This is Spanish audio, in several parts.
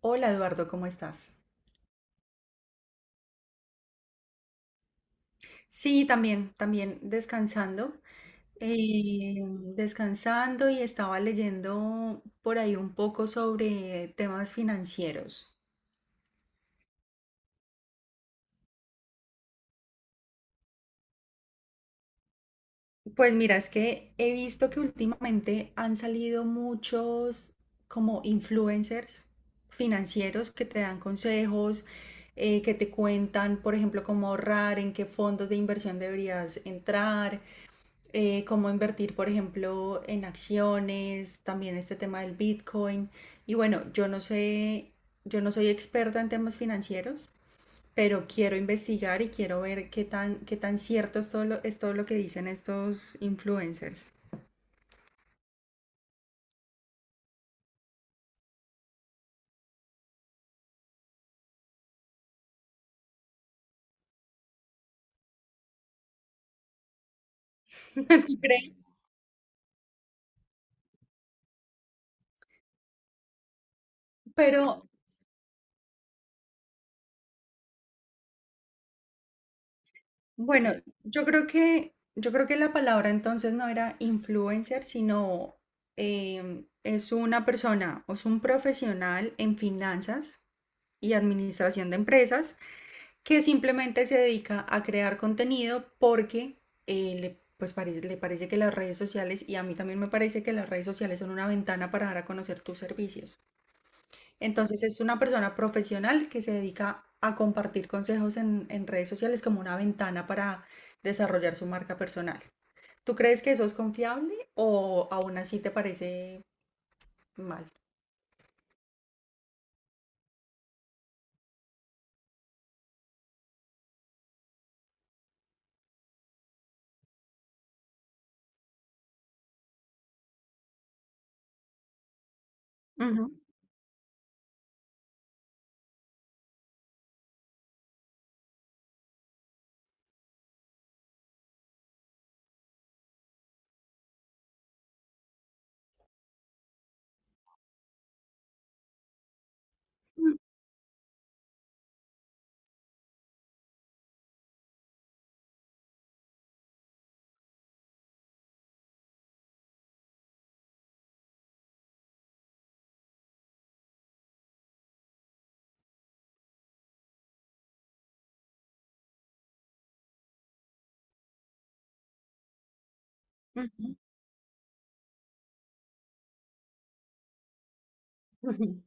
Hola Eduardo, ¿cómo estás? Sí, también eh, descansando y estaba leyendo por ahí un poco sobre temas financieros. Pues mira, es que he visto que últimamente han salido muchos como influencers financieros que te dan consejos, que te cuentan, por ejemplo, cómo ahorrar, en qué fondos de inversión deberías entrar. Cómo invertir, por ejemplo, en acciones, también este tema del Bitcoin. Y bueno, yo no sé, yo no soy experta en temas financieros, pero quiero investigar y quiero ver qué tan cierto es todo lo que dicen estos influencers. ¿Tú crees? Pero bueno, yo creo que la palabra entonces no era influencer, sino es una persona o es un profesional en finanzas y administración de empresas que simplemente se dedica a crear contenido porque le parece que las redes sociales, y a mí también me parece que las redes sociales son una ventana para dar a conocer tus servicios. Entonces es una persona profesional que se dedica a compartir consejos en redes sociales como una ventana para desarrollar su marca personal. ¿Tú crees que eso es confiable o aún así te parece mal? Ujú, ujú, ujú, ujú.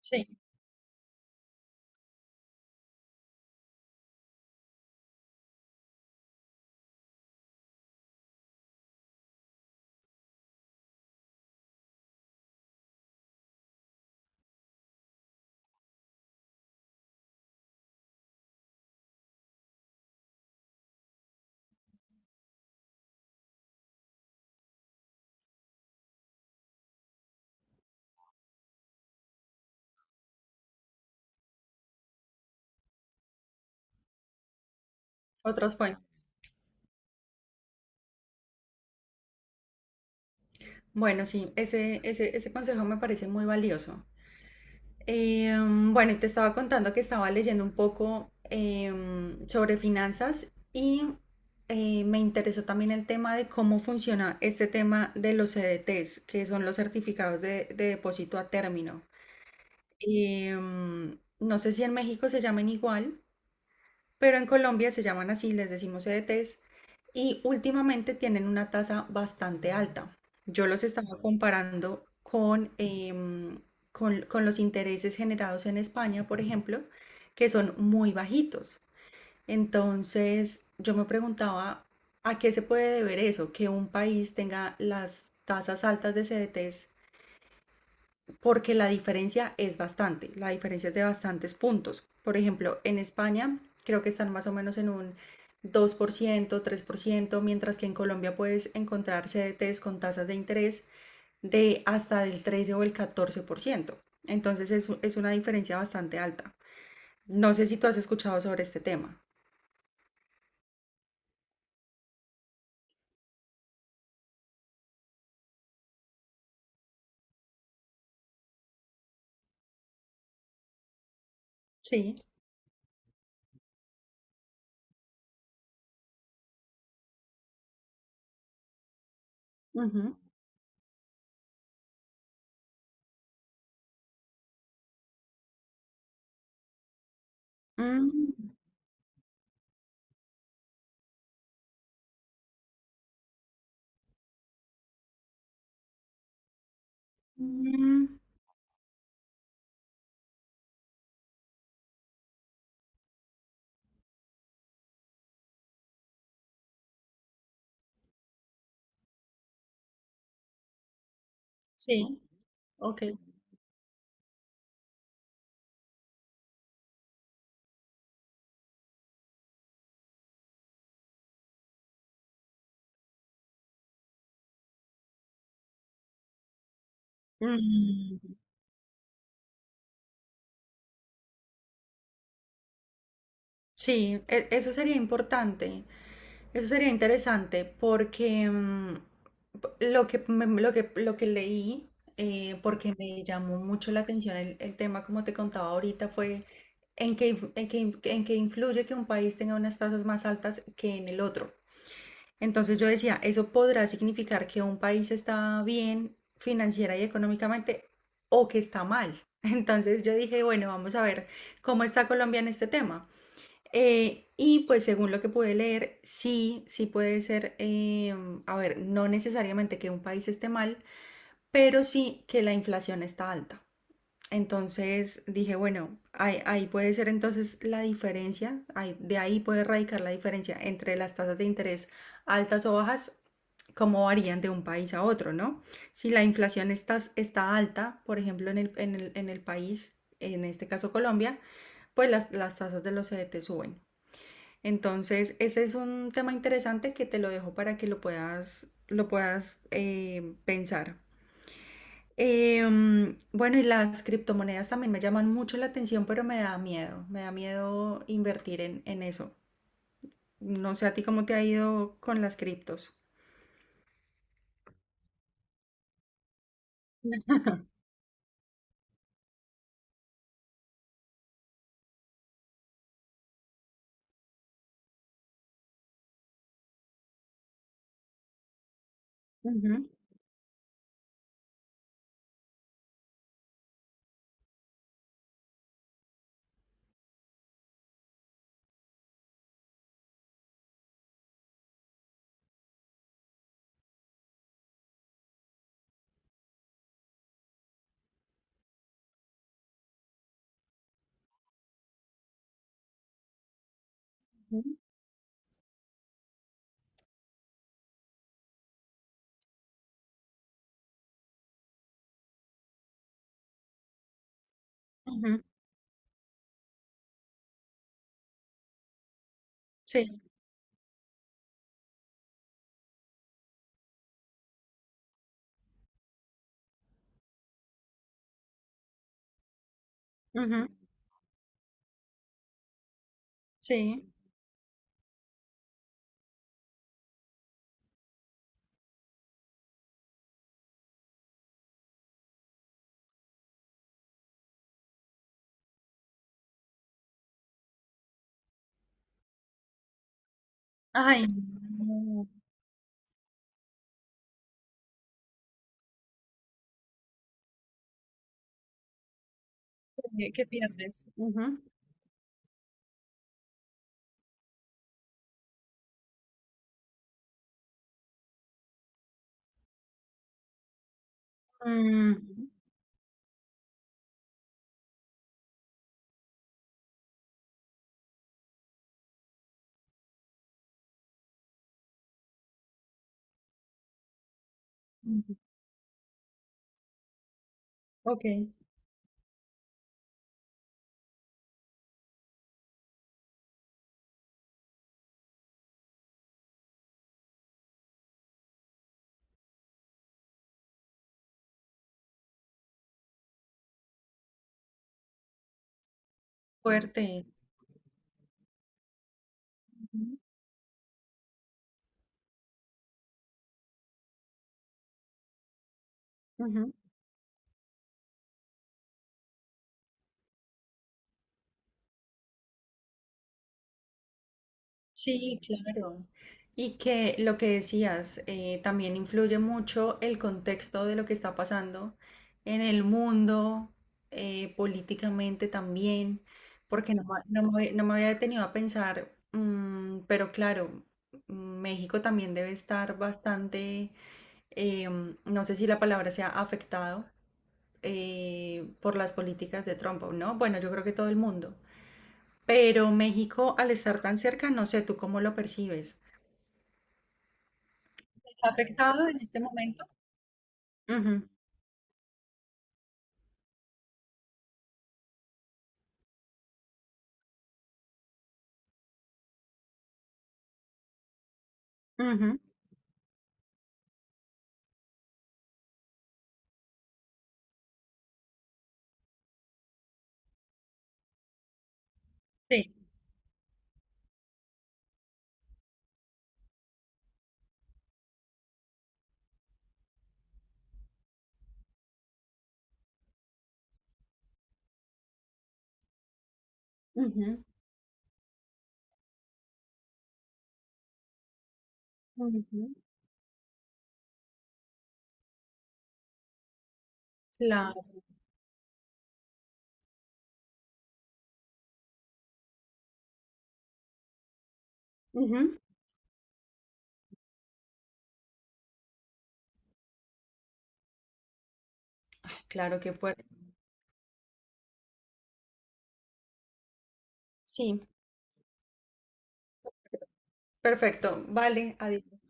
Sí, otras fuentes. Bueno, sí, ese consejo me parece muy valioso. Bueno, y te estaba contando que estaba leyendo un poco sobre finanzas y me interesó también el tema de cómo funciona este tema de los CDTs, que son los certificados de depósito a término. No sé si en México se llamen igual, pero en Colombia se llaman así, les decimos EDTs, y últimamente tienen una tasa bastante alta. Yo los estaba comparando con los intereses generados en España, por ejemplo, que son muy bajitos. Entonces, yo me preguntaba, ¿a qué se puede deber eso? Que un país tenga las tasas altas de CDTs porque la diferencia es bastante, la diferencia es de bastantes puntos. Por ejemplo, en España creo que están más o menos en un 2%, 3%, mientras que en Colombia puedes encontrar CDTs con tasas de interés de hasta del 13 o el 14%. Entonces es una diferencia bastante alta. No sé si tú has escuchado sobre este tema. Sí. Ujú. Mm, mm, sí, ok. Mm, sí, eso sería importante. Eso sería interesante porque lo que leí, porque me llamó mucho la atención el tema, como te contaba ahorita, fue en que influye que un país tenga unas tasas más altas que en el otro. Entonces yo decía, ¿eso podrá significar que un país está bien financiera y económicamente o que está mal? Entonces yo dije, bueno, vamos a ver cómo está Colombia en este tema. Y pues según lo que pude leer, sí, sí puede ser, a ver, no necesariamente que un país esté mal, pero sí que la inflación está alta. Entonces dije, bueno, ahí puede ser entonces la diferencia, de ahí puede radicar la diferencia entre las tasas de interés altas o bajas, cómo varían de un país a otro, ¿no? Si la inflación está alta, por ejemplo, en el país, en este caso Colombia, pues las tasas de los CDT suben. Entonces, ese es un tema interesante que te lo dejo para que lo puedas pensar. Bueno, y las criptomonedas también me llaman mucho la atención, pero me da miedo. Me da miedo invertir en eso. No sé a ti cómo te ha ido con las criptos. Ujú, ujú, ujú, sí, ujú, sí. Ay, no, ¿qué pierdes? Ujú. Mm, ujú, ok, fuerte. Ujú, ujú. Sí, claro. Y que lo que decías, también influye mucho el contexto de lo que está pasando en el mundo, políticamente también, porque no, no me había detenido a pensar, pero claro, México también debe estar bastante, no sé si la palabra sea afectado por las políticas de Trump, o ¿no? Bueno, yo creo que todo el mundo. Pero México, al estar tan cerca, no sé, ¿tú cómo lo percibes? Está afectado en este momento. Ujú, ujú, sí, ujú, ujú, claro. Ujú, claro, qué fuerte. Sí, perfecto. Vale, adiós.